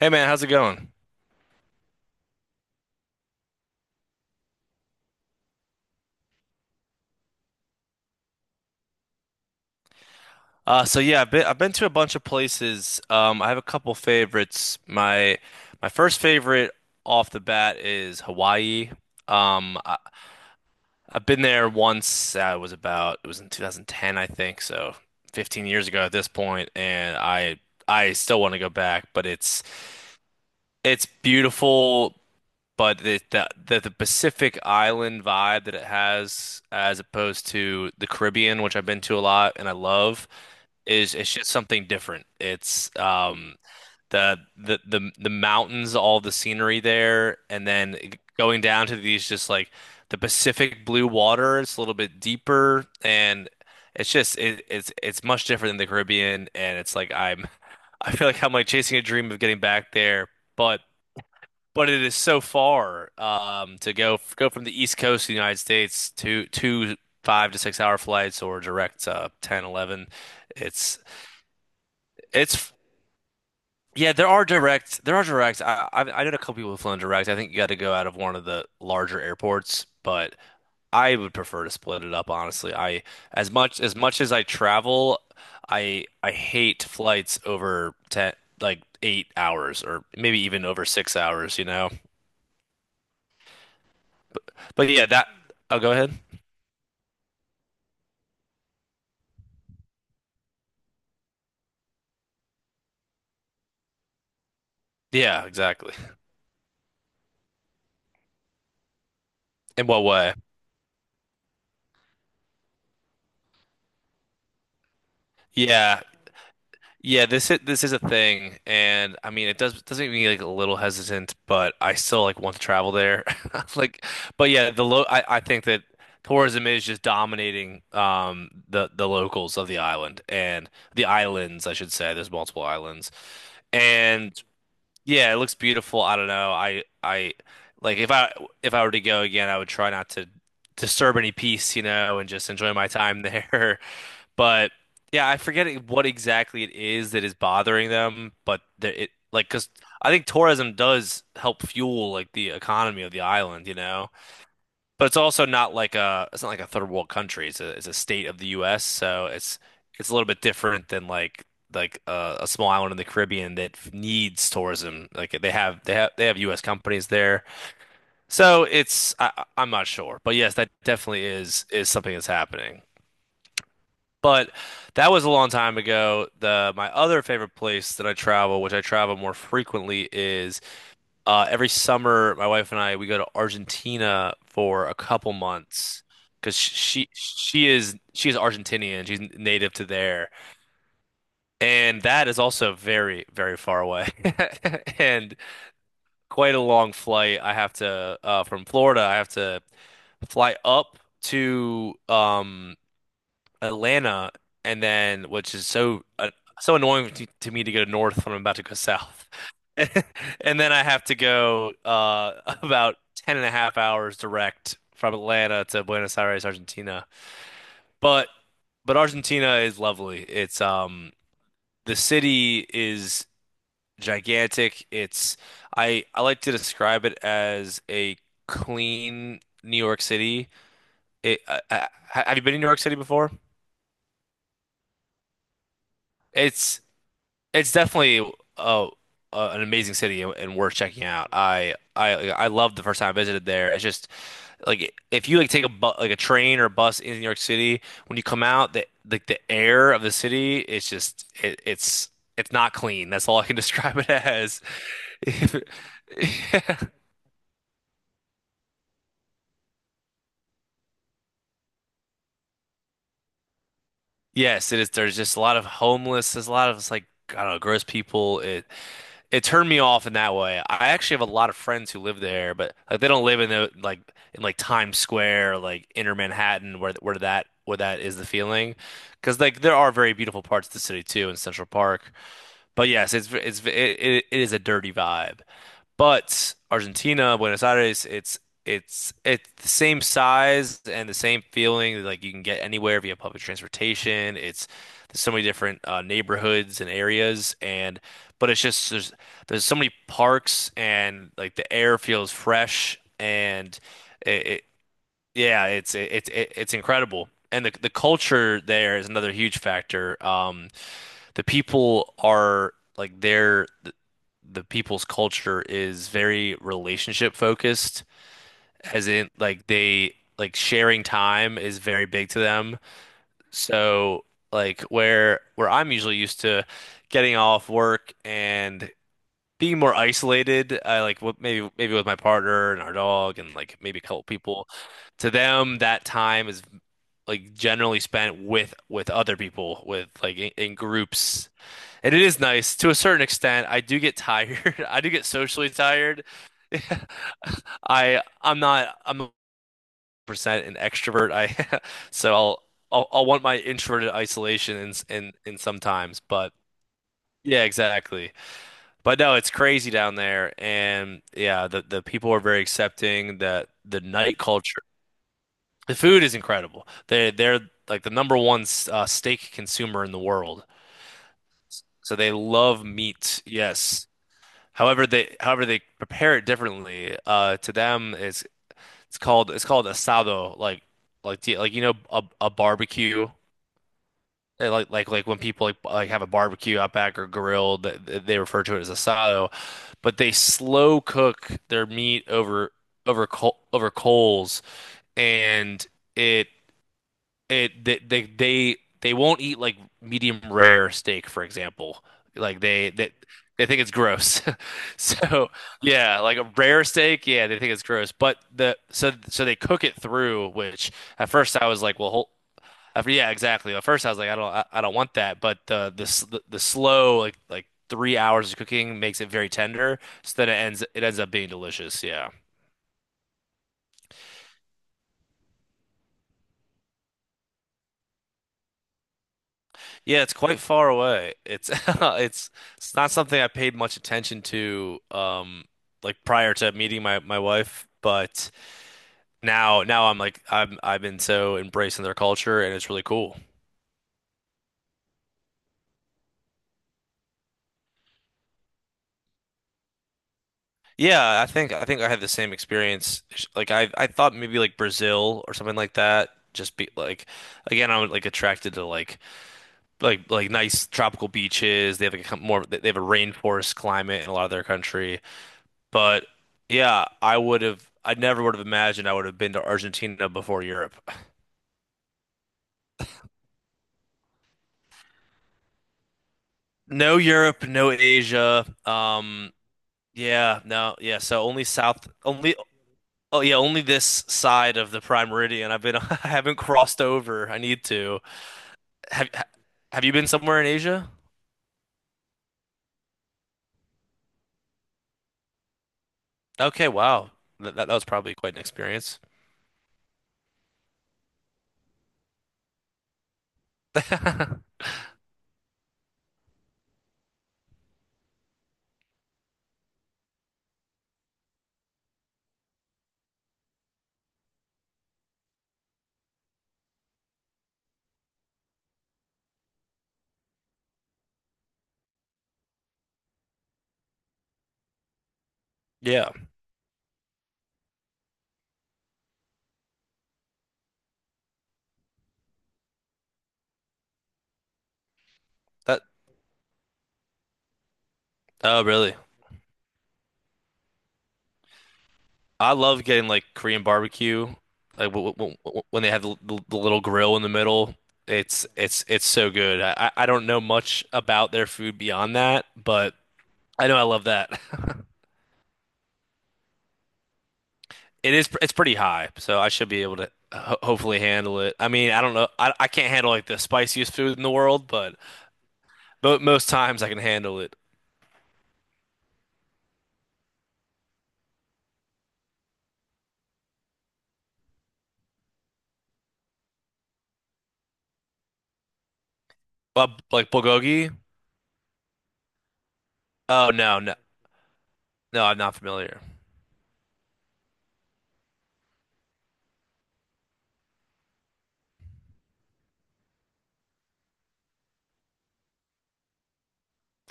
Hey man, how's it going? So yeah, I've been to a bunch of places. I have a couple favorites. My first favorite off the bat is Hawaii. Um, I, I've been there once. I was about it was in 2010, I think, so 15 years ago at this point, and I still want to go back, but it's beautiful. But the Pacific Island vibe that it has, as opposed to the Caribbean, which I've been to a lot and I love, is it's just something different. It's the mountains, all the scenery there, and then going down to these just like the Pacific blue water. It's a little bit deeper, and it's just it's much different than the Caribbean, and it's like I'm I feel like I'm like chasing a dream of getting back there, but but it is so far to go from the East Coast of the United States to 2, 5 to 6 hour flights or direct 10, 11. It's it's Yeah, there are direct. I know a couple people who've flown direct. I think you got to go out of one of the larger airports, but I would prefer to split it up, honestly. I as much as I travel, I hate flights over 10, like 8 hours or maybe even over 6 hours, you know. But yeah, that. Oh, go ahead. Yeah, exactly. In what way? Yeah. This is a thing, and I mean it does make me like a little hesitant, but I still like want to travel there. Like but yeah, I think that tourism is just dominating the locals of the island and the islands, I should say. There's multiple islands. And yeah, it looks beautiful. I don't know. I like if I were to go again, I would try not to disturb any peace, and just enjoy my time there. But yeah, I forget what exactly it is that is bothering them, but there it like because I think tourism does help fuel like the economy of the island, you know. But it's also not like a it's not like a third world country. It's a state of the U.S., so it's a little bit different than like a small island in the Caribbean that needs tourism. Like they have U.S. companies there, so I'm not sure, but yes, that definitely is something that's happening. But that was a long time ago. The my other favorite place that I travel, which I travel more frequently, is every summer. My wife and I we go to Argentina for a couple months because she is Argentinian. She's native to there, and that is also very very far away and quite a long flight. I have to from Florida. I have to fly up to Atlanta, and then which is so so annoying to me to go north when I'm about to go south. And then I have to go about 10 and a half hours direct from Atlanta to Buenos Aires, Argentina. But but Argentina is lovely. It's the city is gigantic. It's I like to describe it as a clean New York City. It, have you been in New York City before? It's It's definitely uh, uh, an amazing city and worth checking out. I loved the first time I visited there. It's just like if you like take a bu like a train or a bus in New York City, when you come out, the like the air of the city is just it's not clean. That's all I can describe it as. Yes, it is. There's just a lot of homeless. There's a lot of it's like I don't know, gross people. It turned me off in that way. I actually have a lot of friends who live there, but like they don't live in the like in like Times Square, or like inner Manhattan, where that is the feeling. Because like there are very beautiful parts of the city too in Central Park, but yes, it is a dirty vibe. But Argentina, Buenos Aires, it's the same size and the same feeling. Like you can get anywhere via public transportation. It's there's so many different neighborhoods and areas, and but it's just there's so many parks and like the air feels fresh and it yeah it's it, it, it it's incredible. And the culture there is another huge factor. The people are like the people's culture is very relationship focused, as in like they like sharing time is very big to them. So like where I'm usually used to getting off work and being more isolated, I like what maybe with my partner and our dog and like maybe a couple people. To them, that time is like generally spent with other people, with like in groups, and it is nice to a certain extent. I do get tired. I do get socially tired. I I'm not I'm a percent an extrovert. I so I'll, I'll want my introverted isolation in sometimes, but yeah, exactly. But no, it's crazy down there, and yeah, the people are very accepting. That the night culture, the food is incredible. They they're like the number one steak consumer in the world, so they love meat. Yes. However they prepare it differently. To them, it's called asado, like do like you know a barbecue. Like when people like have a barbecue out back or grill, they refer to it as asado. But they slow cook their meat over coal over coals, and it it they won't eat like medium rare steak, for example. Like they they think it's gross. So yeah, like a rare steak, yeah, they think it's gross. But the so they cook it through, which at first I was like, well, hold, after, yeah, exactly. At first I was like, I don't want that. But the slow like 3 hours of cooking makes it very tender. So then it ends up being delicious. Yeah. Yeah, it's quite far away. It's it's not something I paid much attention to like prior to meeting my wife, but now I'm like I've been so embracing their culture and it's really cool. Yeah, I think I had the same experience. Like I thought maybe like Brazil or something like that. Just be like again I'm like attracted to like nice tropical beaches. They have like a more they have a rainforest climate in a lot of their country. But yeah, I never would have imagined I would have been to Argentina before Europe. No Europe, no Asia. Yeah, no, yeah. So only south, only, oh yeah, only this side of the Prime Meridian. I've been, I haven't crossed over. I need to. Have, ha- have you been somewhere in Asia? Okay, wow. That was probably quite an experience. Yeah. That, oh, really? I love getting like Korean barbecue, like w w w when they have the little grill in the middle. It's so good. I don't know much about their food beyond that, but I know I love that. It's pretty high, so I should be able to ho hopefully handle it. I mean, I don't know. I can't handle like the spiciest food in the world, but most times I can handle it. Like bulgogi? Oh no, no, no, I'm not familiar.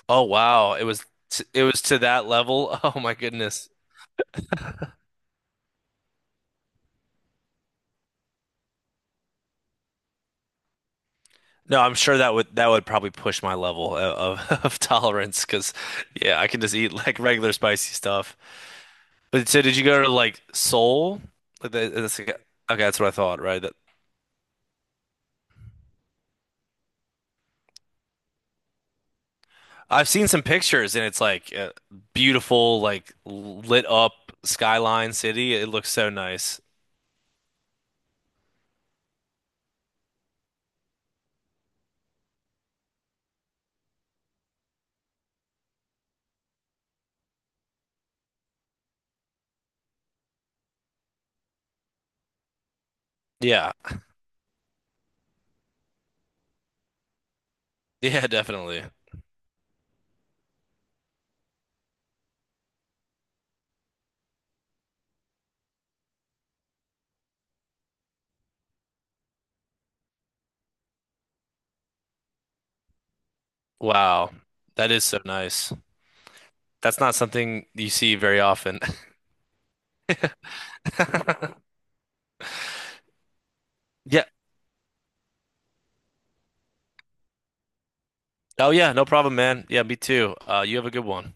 Oh wow, it was t it was to that level. Oh my goodness. No, I'm sure that would probably push my level of tolerance because yeah, I can just eat like regular spicy stuff. But so did you go to like Seoul? Like the, that's, like, okay, that's what I thought, right? That I've seen some pictures and it's like a beautiful, like lit up skyline city. It looks so nice. Yeah. Yeah, definitely. Wow. That is so nice. That's not something you see very often. Yeah. Oh yeah, no problem, man. Yeah, me too. You have a good one.